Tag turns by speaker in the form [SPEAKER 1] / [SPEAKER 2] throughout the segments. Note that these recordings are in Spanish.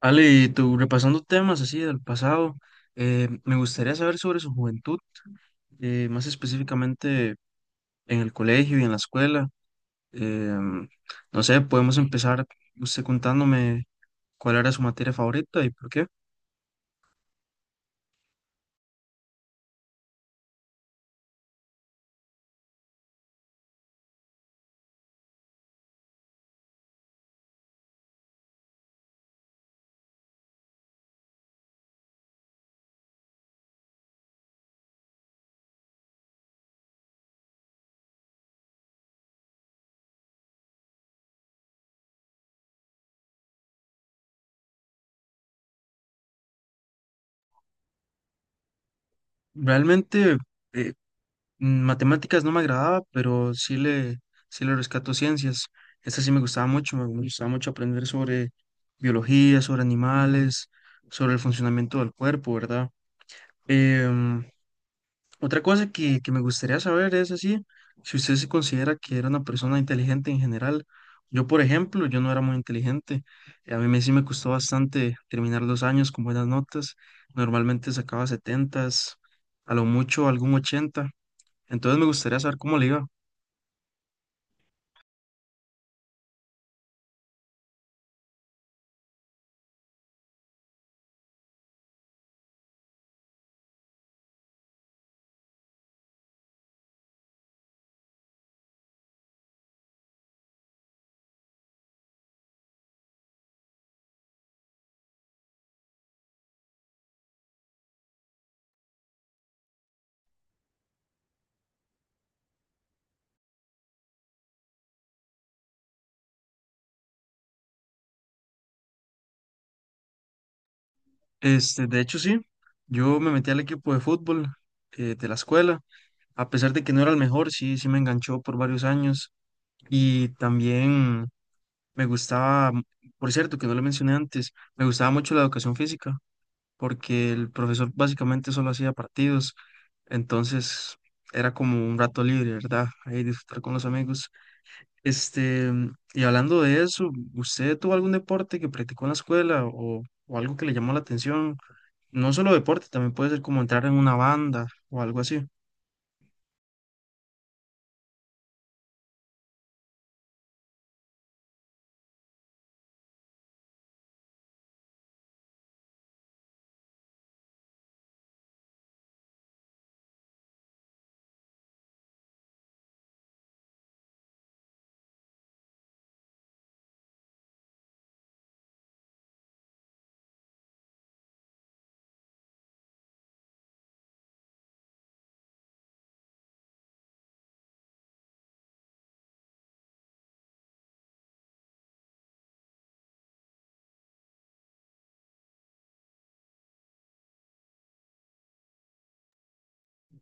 [SPEAKER 1] Ale, y tú, repasando temas así del pasado, me gustaría saber sobre su juventud, más específicamente en el colegio y en la escuela. Em, no sé, podemos empezar usted contándome cuál era su materia favorita y por qué. Realmente, eh, matemáticas no me agradaba, pero sí le rescato ciencias. Esta sí me gustaba mucho aprender sobre biología, sobre animales, sobre el funcionamiento del cuerpo, ¿verdad? Em, Otra que me gustaría saber es así, si usted se considera que era una persona inteligente en general. Yo, por ejemplo, yo no era muy inteligente. A sí me costó bastante terminar los años con buenas notas. Normalmente sacaba 70, a lo mucho algún 80. Entonces me gustaría saber cómo le iba. Este, de hecho, sí, yo me metí al equipo de fútbol de la escuela. A pesar de que no era el mejor, sí, sí me enganchó por varios años. Y también, me gustaba, por cierto, que no le mencioné antes, me gustaba mucho la educación física, porque el profesor básicamente solo hacía partidos, entonces era como un rato libre, ¿verdad? Ahí disfrutar con los amigos. Este, y hablando de eso, ¿usted tuvo algún deporte que practicó en la escuela o algo que le llamó la atención? No solo deporte, también puede ser como entrar en una banda o algo así.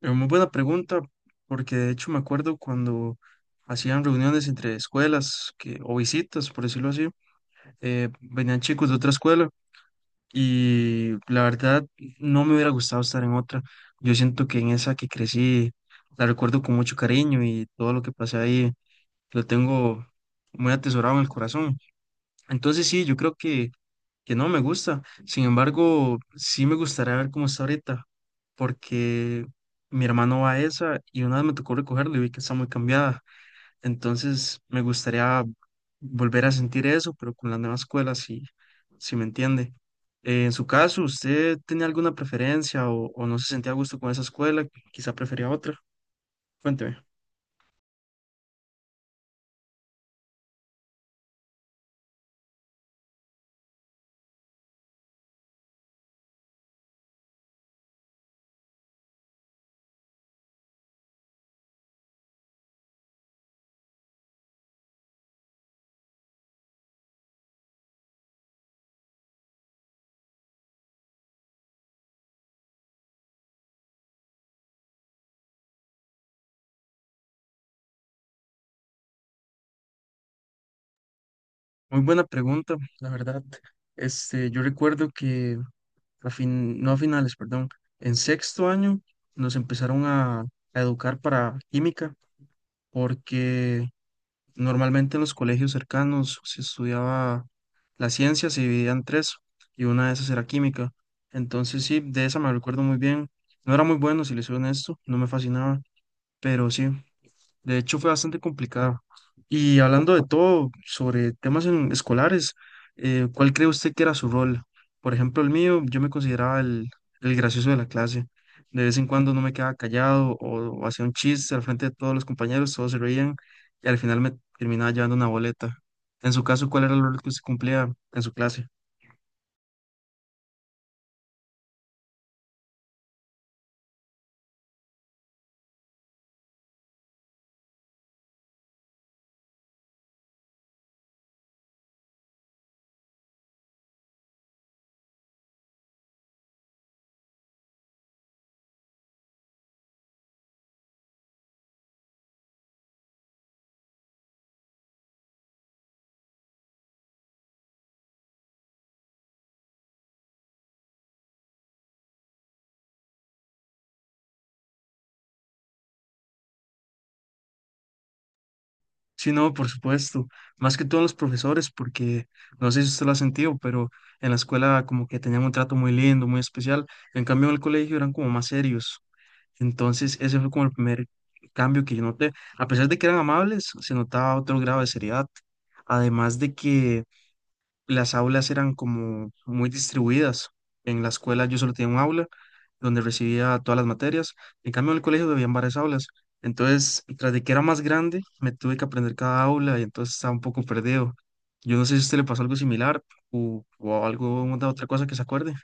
[SPEAKER 1] Es muy buena pregunta, porque de hecho me acuerdo cuando hacían reuniones entre escuelas o visitas, por decirlo así. Venían chicos de otra escuela y la verdad no me hubiera gustado estar en otra. Yo siento que en esa que crecí la recuerdo con mucho cariño y todo lo que pasé ahí lo tengo muy atesorado en el corazón. Entonces sí, yo creo que no me gusta. Sin embargo, sí me gustaría ver cómo está ahorita, porque mi hermano va a esa y una vez me tocó recogerlo y vi que está muy cambiada. Entonces me gustaría volver a sentir eso, pero con la nueva escuela, si me entiende. En su caso, ¿usted tenía alguna preferencia o no se sentía a gusto con esa escuela? Quizá prefería otra. Cuénteme. Muy buena pregunta, la verdad. Este, yo recuerdo que no a finales, perdón, en sexto año nos empezaron a educar para química, porque normalmente en los colegios cercanos se estudiaba, las ciencias se dividía en tres y una de esas era química. Entonces sí, de esa me recuerdo muy bien. No era muy bueno, si les soy honesto, no me fascinaba, pero sí. De hecho, fue bastante complicado. Y hablando de todo, sobre temas escolares, ¿cuál cree usted que era su rol? Por ejemplo, el mío, yo me consideraba el gracioso de la clase. De vez en cuando no me quedaba callado o hacía un chiste al frente de todos los compañeros, todos se reían y al final me terminaba llevando una boleta. En su caso, ¿cuál era el rol que usted cumplía en su clase? Sí, no, por supuesto. Más que todos los profesores, porque no sé si usted lo ha sentido, pero en la escuela como que tenían un trato muy lindo, muy especial. En cambio, en el colegio eran como más serios. Entonces, ese fue como el primer cambio que yo noté. A pesar de que eran amables, se notaba otro grado de seriedad. Además de que las aulas eran como muy distribuidas. En la escuela yo solo tenía un aula donde recibía todas las materias. En cambio, en el colegio habían varias aulas. Entonces, tras de que era más grande, me tuve que aprender cada aula y entonces estaba un poco perdido. Yo no sé si a usted le pasó algo similar o algo de otra cosa que se acuerde.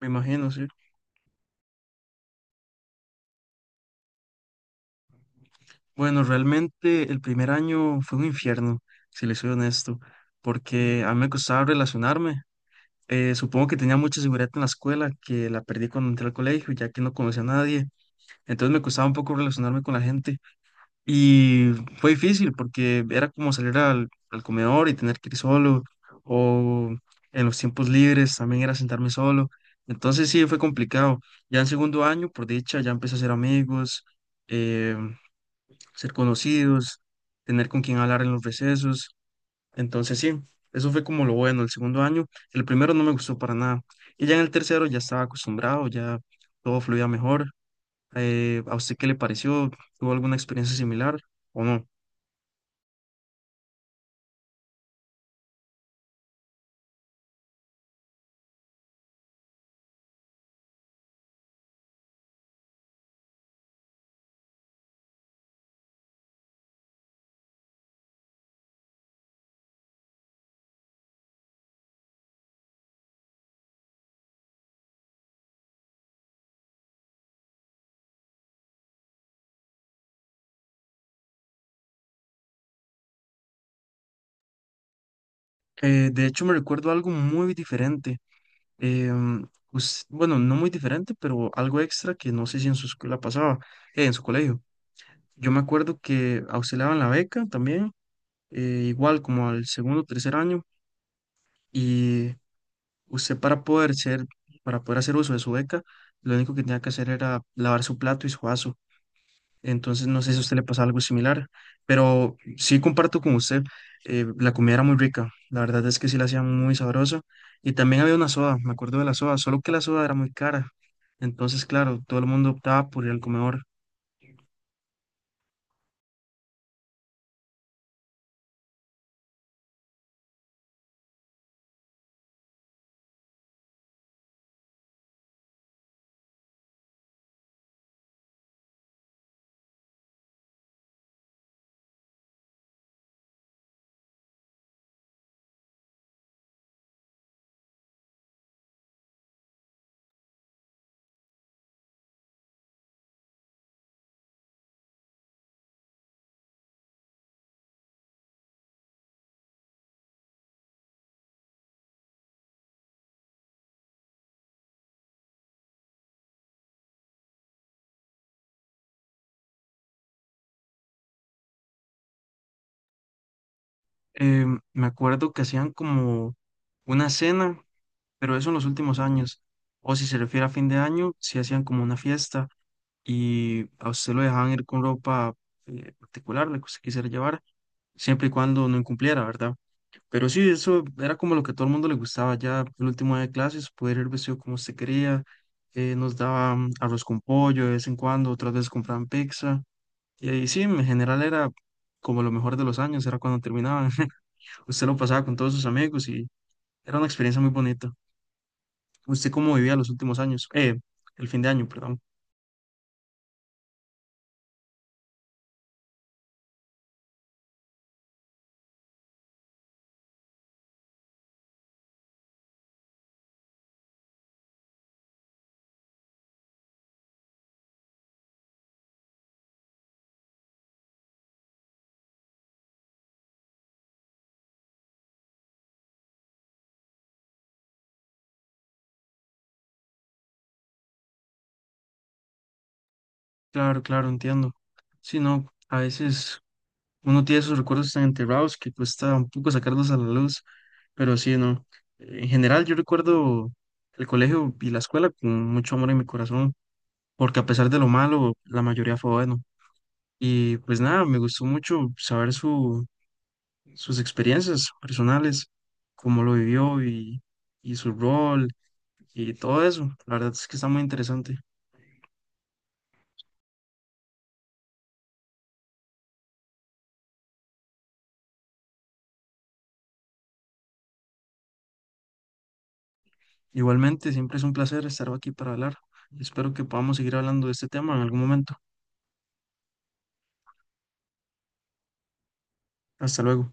[SPEAKER 1] Me imagino, sí. Bueno, realmente el primer año fue un infierno, si le soy honesto, porque a mí me costaba relacionarme. Supongo que tenía mucha seguridad en la escuela, que la perdí cuando entré al colegio, ya que no conocía a nadie. Entonces me costaba un poco relacionarme con la gente. Y fue difícil porque era como salir al comedor y tener que ir solo. O en los tiempos libres también era sentarme solo. Entonces sí, fue complicado. Ya en segundo año, por dicha, ya empecé a hacer amigos, eh, ser conocidos, tener con quien hablar en los recesos. Entonces sí, eso fue como lo bueno el segundo año. El primero no me gustó para nada. Y ya en el tercero ya estaba acostumbrado, ya todo fluía mejor. ¿A usted qué le pareció? ¿Tuvo alguna experiencia similar o no? De hecho, me recuerdo algo muy diferente. Bueno, no muy diferente, pero algo extra que no sé si en su escuela pasaba, en su colegio. Yo me acuerdo que auxiliaban la beca también, igual como al segundo o tercer año. Y usted para para poder hacer uso de su beca, lo único que tenía que hacer era lavar su plato y su vaso. Entonces, no sé si a usted le pasa algo similar, pero sí comparto con usted, la comida era muy rica, la verdad es que sí la hacían muy sabrosa. Y también había una soda, me acuerdo de la soda, solo que la soda era muy cara. Entonces, claro, todo el mundo optaba por ir al comedor. Eh, me acuerdo que hacían como una cena, pero eso en los últimos años. O si se refiere a fin de año, sí hacían como una fiesta y a usted lo dejaban ir con ropa particular, la que usted quisiera llevar, siempre y cuando no incumpliera, ¿verdad? Pero sí, eso era como lo que a todo el mundo le gustaba ya el último día de clases, poder ir vestido como usted quería, nos daban arroz con pollo de vez en cuando, otras veces compraban pizza, y ahí sí, en general era como lo mejor de los años, era cuando terminaban, usted lo pasaba con todos sus amigos y era una experiencia muy bonita. ¿Usted cómo vivía los últimos años? El fin de año, perdón. Claro, claro, entiendo. Sí, no, a veces uno tiene sus recuerdos tan enterrados que cuesta un poco sacarlos a la luz, pero sí, no. En general, yo recuerdo el colegio y la escuela con mucho amor en mi corazón, porque a pesar de lo malo, la mayoría fue bueno. Y pues nada, me gustó mucho saber sus experiencias personales, cómo lo vivió, y su rol y todo eso. La verdad es que está muy interesante. Igualmente, siempre es un placer estar aquí para hablar. Espero que podamos seguir hablando de este tema en algún momento. Hasta luego.